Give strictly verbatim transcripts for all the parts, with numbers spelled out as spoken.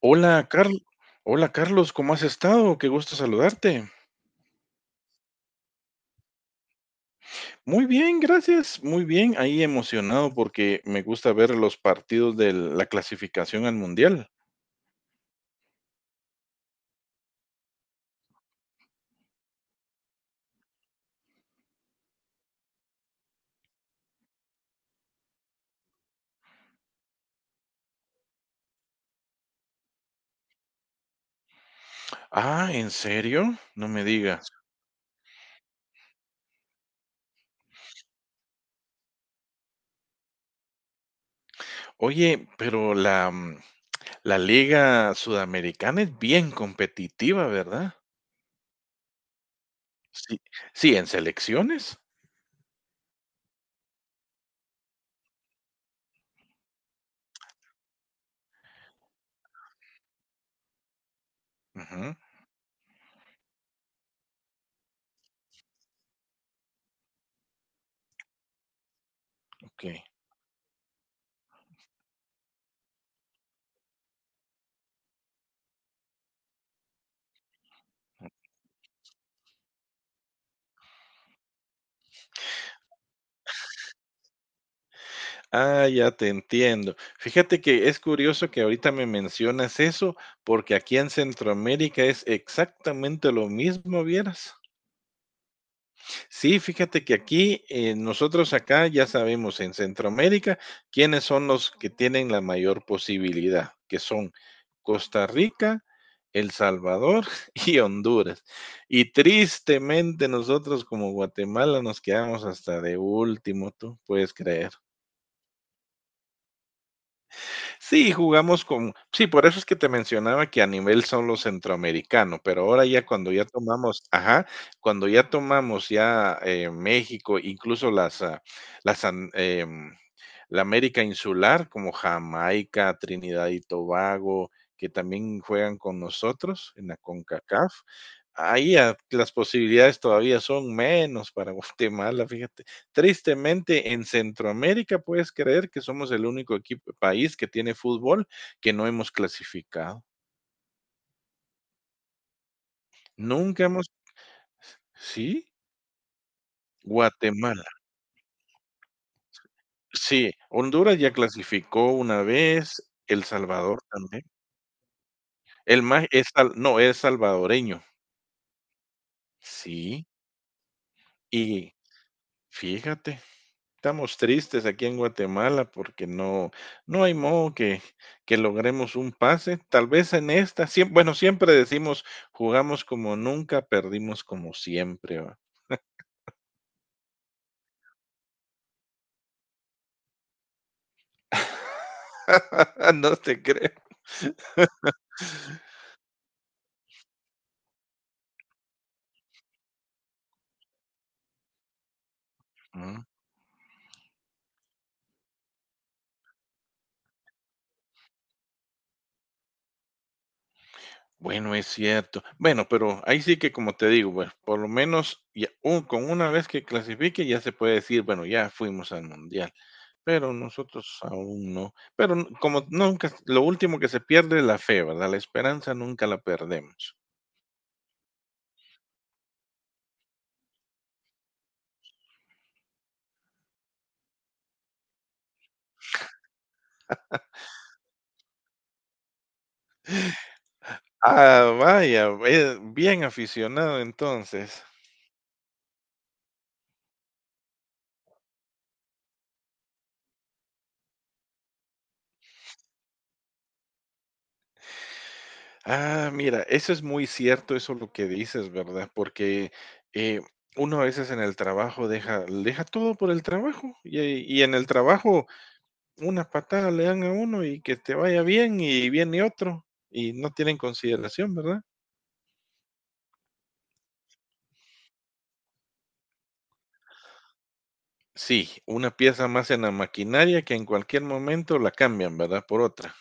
Hola, Carl. Hola, Carlos, ¿cómo has estado? Qué gusto saludarte. Muy bien, gracias. Muy bien. Ahí emocionado porque me gusta ver los partidos de la clasificación al mundial. Ah, ¿en serio? No me digas. Oye, pero la, mm, la Liga Sudamericana es bien competitiva, ¿verdad? Sí, sí, en selecciones. Ujú, ok. Ah, ya te entiendo. Fíjate que es curioso que ahorita me mencionas eso, porque aquí en Centroamérica es exactamente lo mismo, vieras. Sí, fíjate que aquí, eh, nosotros acá ya sabemos en Centroamérica quiénes son los que tienen la mayor posibilidad, que son Costa Rica, El Salvador y Honduras. Y tristemente nosotros como Guatemala nos quedamos hasta de último, tú puedes creer. Sí, jugamos con sí, por eso es que te mencionaba que a nivel solo centroamericano, pero ahora ya cuando ya tomamos ajá, cuando ya tomamos ya, eh, México, incluso las, ah, las em, la América insular, como Jamaica, Trinidad y Tobago, que también juegan con nosotros en la CONCACAF. Ahí a- las posibilidades todavía son menos para Guatemala, fíjate. Tristemente, en Centroamérica puedes creer que somos el único equipo, país que tiene fútbol que no hemos clasificado. Nunca hemos, sí, Guatemala, sí, Honduras ya clasificó una vez, El Salvador también. El más es sal- no, es salvadoreño. Sí, y fíjate, estamos tristes aquí en Guatemala porque no, no hay modo que, que logremos un pase. Tal vez en esta, siem- bueno, siempre decimos, jugamos como nunca, perdimos como siempre, ¿va? No te creo. Mm, Bueno, es cierto. Bueno, pero ahí sí que como te digo, bueno, por lo menos ya, un- con una vez que clasifique ya se puede decir, bueno, ya fuimos al mundial. Pero nosotros aún no. Pero n como nunca lo último que se pierde es la fe, ¿verdad? La esperanza nunca la perdemos. Ah, vaya, eh, bien aficionado entonces. Ah, mira, eso es muy cierto, eso lo que dices, ¿verdad? Porque, eh, uno a veces en el trabajo deja deja todo por el trabajo, y y en el trabajo una patada le dan a uno y que te vaya bien, y viene otro, y no tienen consideración, ¿verdad? Sí, una pieza más en la maquinaria que en cualquier momento la cambian, ¿verdad? Por otra.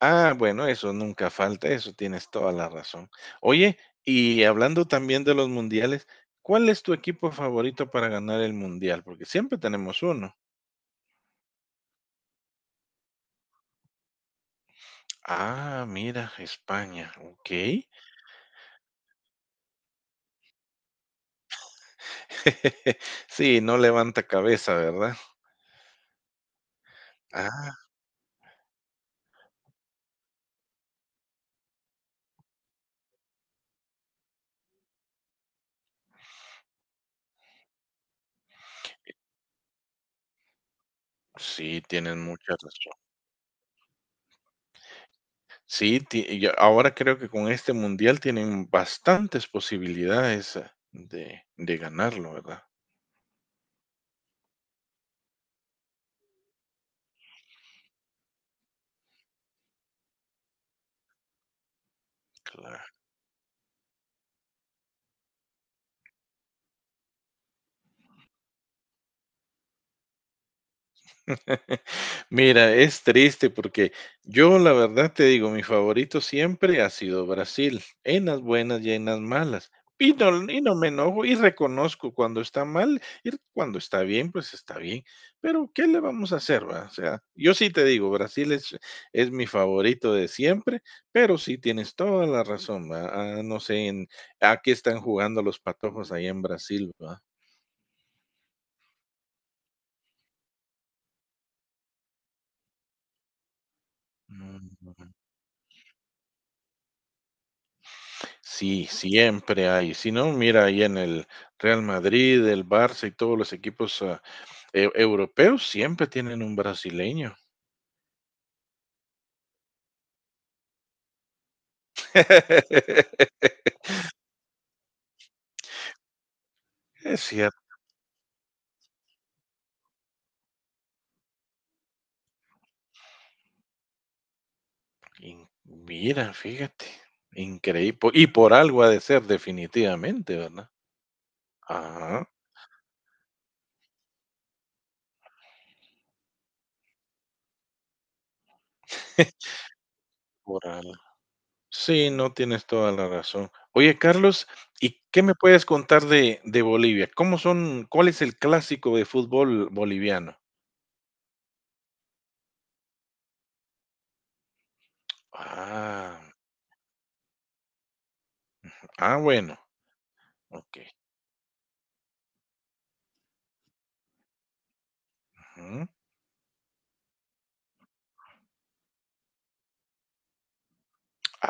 Ah, bueno, eso nunca falta, eso tienes toda la razón. Oye, y hablando también de los mundiales, ¿cuál es tu equipo favorito para ganar el mundial? Porque siempre tenemos uno. Ah, mira, España, ok. Sí, no levanta cabeza, ¿verdad? Ah, sí, tienen mucha razón. Sí, ti- y ahora creo que con este mundial tienen bastantes posibilidades eh, de, de ganarlo, ¿verdad? Claro. Mira, es triste porque yo la verdad te digo, mi favorito siempre ha sido Brasil, en las buenas y en las malas. Y no, y no me enojo y reconozco cuando está mal y cuando está bien, pues está bien. Pero ¿qué le vamos a hacer, va? O sea, yo sí te digo, Brasil es, es mi favorito de siempre, pero sí tienes toda la razón, va. Ah, no sé en, a qué están jugando los patojos ahí en Brasil, va. Mm. mm, Sí, siempre hay. Si no, mira ahí en el Real Madrid, el Barça y todos los equipos ah, eu- europeos siempre tienen un brasileño. Es cierto. In- mira, fíjate, increíble. Y por algo ha de ser definitivamente, ¿verdad? Ajá. Por algo. Sí, no tienes toda la razón. Oye, Carlos, ¿y qué me puedes contar de, de Bolivia? ¿Cómo son, cuál es el clásico de fútbol boliviano? Ah, ah, bueno, ok. Ujú.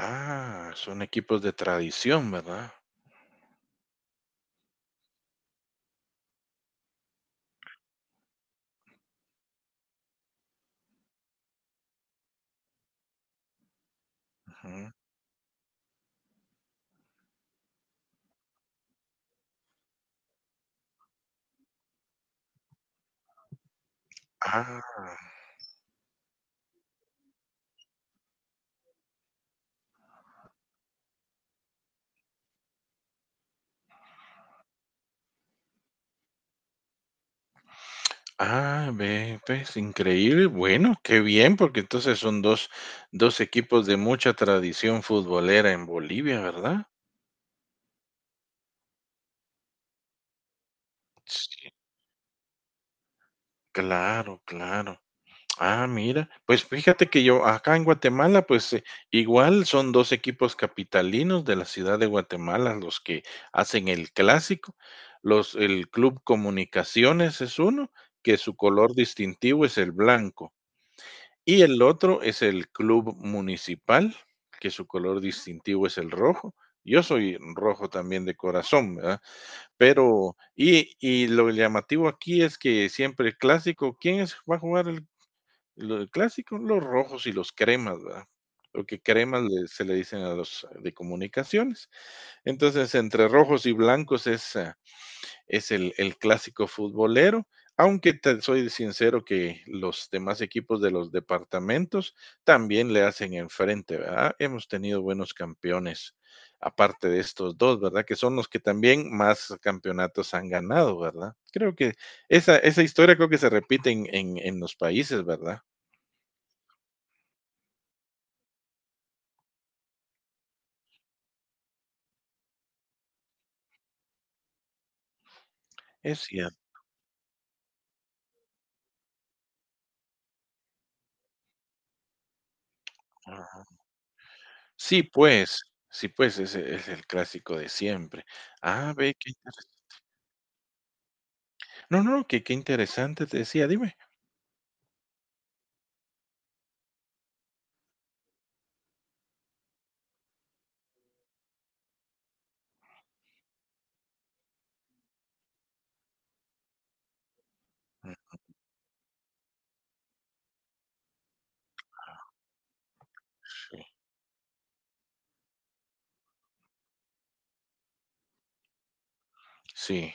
Ah, son equipos de tradición, ¿verdad? Ujú. Ah, ah, ve, pues, increíble. Bueno, qué bien, porque entonces son dos dos equipos de mucha tradición futbolera en Bolivia, ¿verdad? Sí, claro, claro. Ah, mira, pues fíjate que yo acá en Guatemala, pues eh, igual son dos equipos capitalinos de la ciudad de Guatemala los que hacen el clásico. Los, el Club Comunicaciones es uno, que su color distintivo es el blanco, y el otro es el Club Municipal, que su color distintivo es el rojo. Yo soy rojo también de corazón, ¿verdad? Pero, y, y lo llamativo aquí es que siempre el clásico, ¿quién es, va a jugar el lo clásico, los rojos y los cremas, ¿verdad? Porque cremas le se le dicen a los eh, de comunicaciones. Entonces, entre rojos y blancos es, ah, es el el clásico futbolero, aunque te soy sincero que los demás equipos de los departamentos también le hacen enfrente, ¿verdad? Hemos tenido buenos campeones, aparte de estos dos, ¿verdad? Que son los que también más campeonatos han ganado, ¿verdad? Creo que esa esa historia creo que se repite en en en los países, ¿verdad? Es cier Ah, sí, pues, sí, pues, ese es el clásico de siempre. Ah, ve, qué interes no, no, no, que qué interesante, te decía, dime. Mm, sí, sí.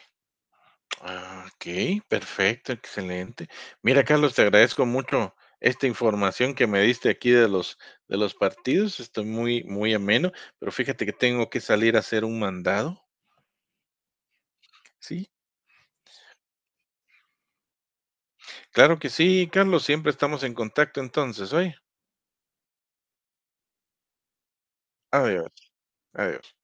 Ah, okey, perfecto, excelente. Mira, Carlos, te agradezco mucho esta información que me diste aquí de los de los partidos. Estoy muy muy ameno, pero fíjate que tengo que salir a hacer un mandado. Sí, claro que sí, Carlos, siempre estamos en contacto entonces, ¿oye? Adiós. Adiós.